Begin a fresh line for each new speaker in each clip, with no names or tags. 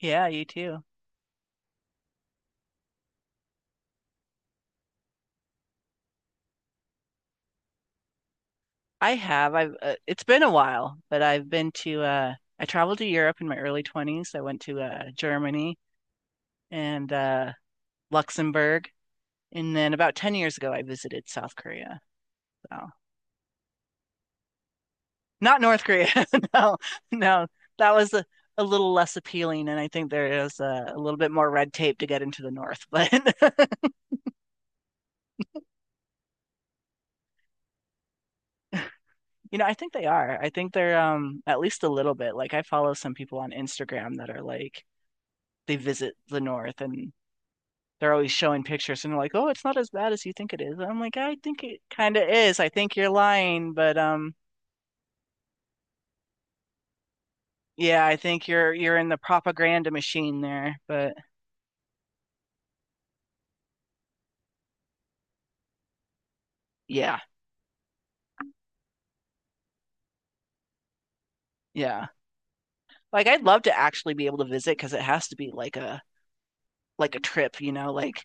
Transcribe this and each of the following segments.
Yeah, you too. I have. I've. It's been a while, but I've been to. I traveled to Europe in my early 20s. I went to Germany and Luxembourg, and then about 10 years ago, I visited South Korea. So not North Korea. No, no, that was a little less appealing, and I think there is a little bit more red tape to get into the North. But you know, I think they are. I think they're at least a little bit. Like I follow some people on Instagram that are They visit the north and they're always showing pictures and they're like, "Oh, it's not as bad as you think it is." I'm like, "I think it kind of is. I think you're lying, but yeah, I think you're in the propaganda machine there, but yeah. Yeah. Like I'd love to actually be able to visit because it has to be like a trip, you know, like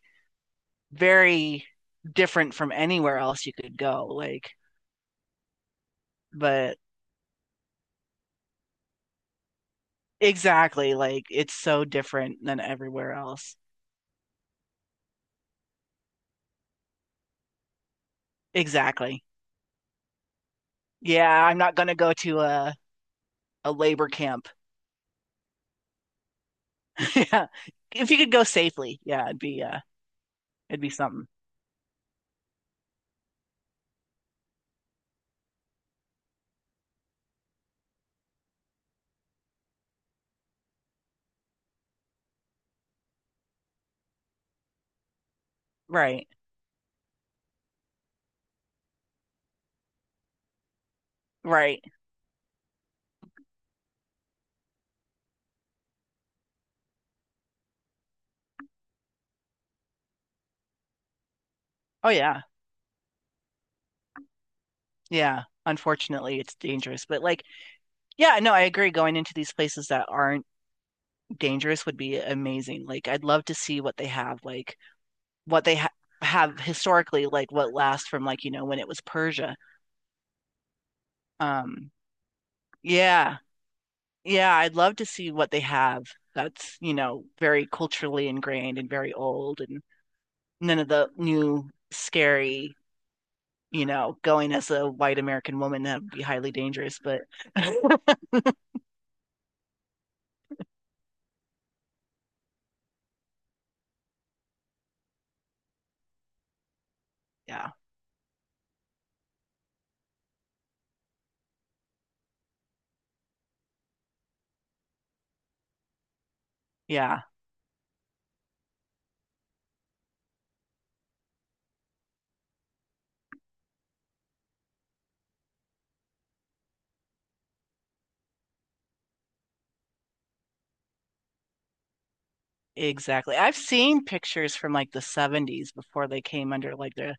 very different from anywhere else you could go. But exactly, like it's so different than everywhere else. Exactly. Yeah, I'm not gonna go to a labor camp. Yeah. If you could go safely, yeah, it'd be something. Right. Right. Oh yeah. Yeah. Unfortunately, it's dangerous, but like yeah, no, I agree going into these places that aren't dangerous would be amazing. Like I'd love to see what they have, like what they ha have historically, like what lasts from like, you know, when it was Persia. Um yeah. Yeah, I'd love to see what they have that's, you know, very culturally ingrained and very old and none of the new scary, you know, going as a white American woman, that would be highly dangerous. But yeah, yeah, exactly. I've seen pictures from like the 70s before they came under like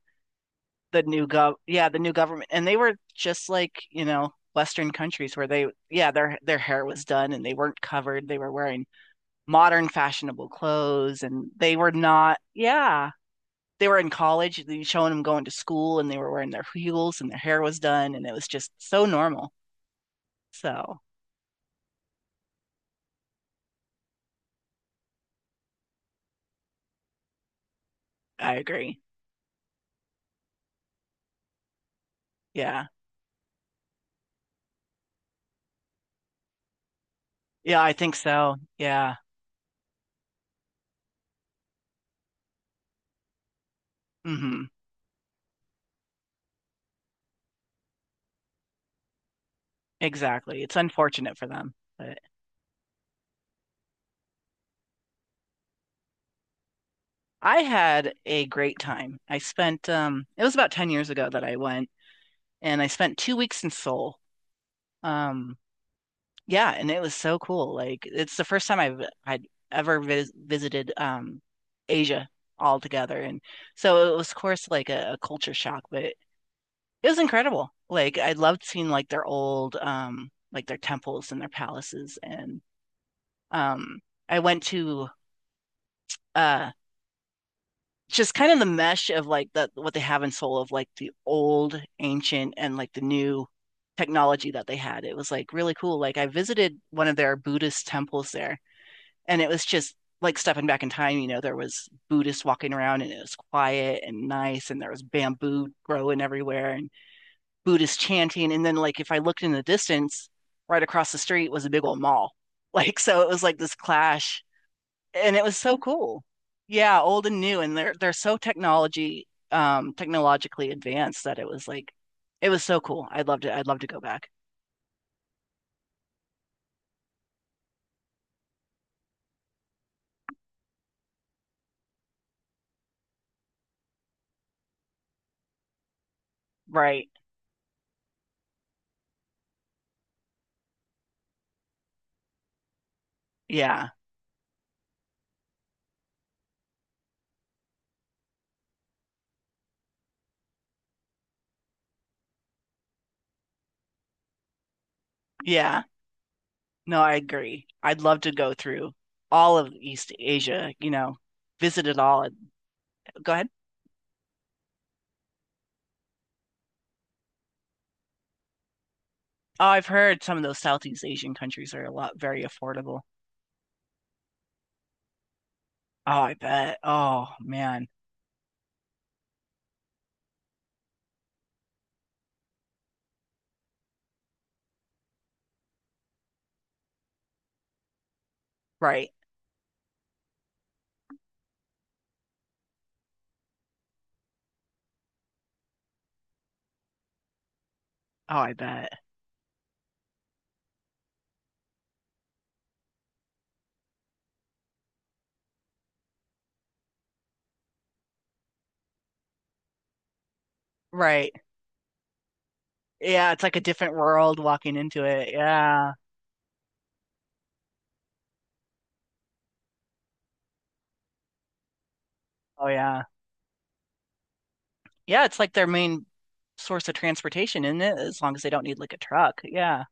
the new gov yeah, the new government, and they were just like, you know, western countries where they, yeah, their hair was done and they weren't covered, they were wearing modern fashionable clothes, and they were not, yeah, they were in college, you showing them going to school, and they were wearing their heels and their hair was done and it was just so normal, so I agree. Yeah. Yeah, I think so. Yeah. Hmm. Exactly. It's unfortunate for them, but I had a great time. I spent it was about 10 years ago that I went and I spent 2 weeks in Seoul. Um yeah, and it was so cool. Like it's the first time I'd ever visited Asia altogether, and so it was of course like a culture shock, but it was incredible. Like I loved seeing like their old like their temples and their palaces and um I went to uh just kind of the mesh of like the what they have in Seoul of like the old ancient and like the new technology that they had. It was like really cool. Like I visited one of their Buddhist temples there and it was just like stepping back in time, you know, there was Buddhists walking around and it was quiet and nice and there was bamboo growing everywhere and Buddhist chanting. And then like if I looked in the distance, right across the street was a big old mall. Like so it was like this clash and it was so cool. Yeah, old and new, and they're so technology technologically advanced that it was like it was so cool. I'd love to go back. Right. Yeah. Yeah. No, I agree. I'd love to go through all of East Asia, you know, visit it all. Go ahead. Oh, I've heard some of those Southeast Asian countries are a lot very affordable. Oh, I bet. Oh, man. Right. Oh, I bet. Right. Yeah, it's like a different world walking into it. Yeah. Oh, yeah. Yeah, it's like their main source of transportation, isn't it? As long as they don't need like a truck. Yeah.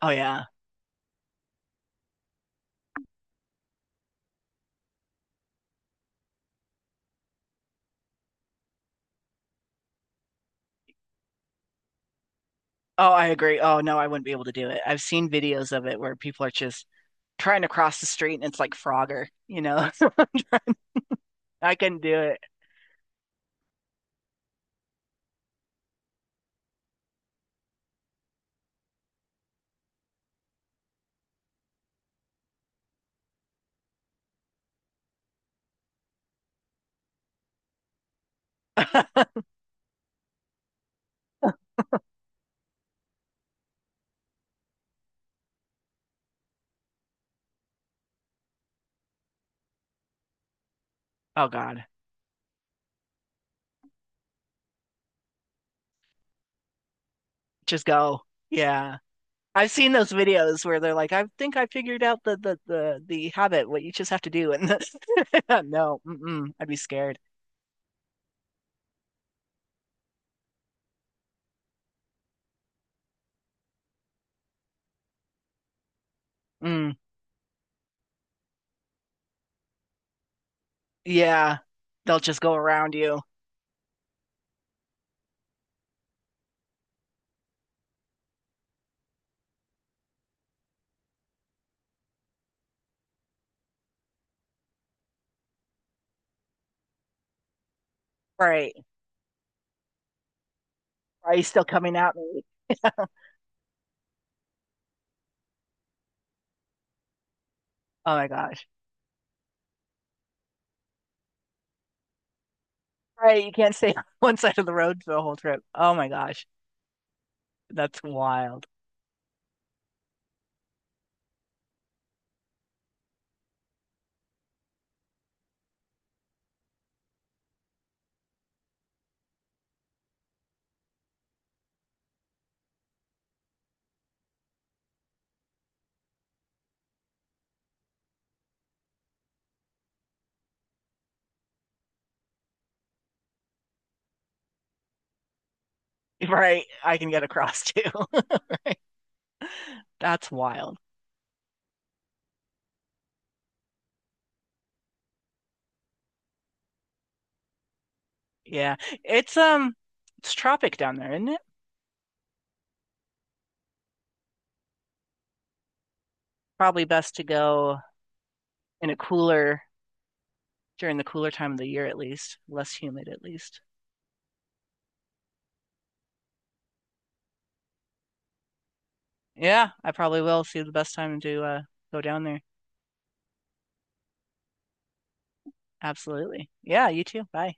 Oh, yeah. Oh, I agree. Oh, no, I wouldn't be able to do it. I've seen videos of it where people are just trying to cross the street and it's like Frogger, you know? I couldn't do it. Oh, God. Just go. Yeah. I've seen those videos where they're like, I think I figured out the habit, what you just have to do. And the- no, mm-mm, I'd be scared. Mm, yeah. They'll just go around you. Right. Are you still coming at me? Oh my gosh. Right, you can't stay on one side of the road for the whole trip. Oh my gosh, that's wild. Right, I can get across too. That's wild. Yeah. It's um it's tropic down there, isn't it? Probably best to go in a cooler during the cooler time of the year at least, less humid at least. Yeah, I probably will see the best time to go down there. Absolutely. Yeah, you too. Bye.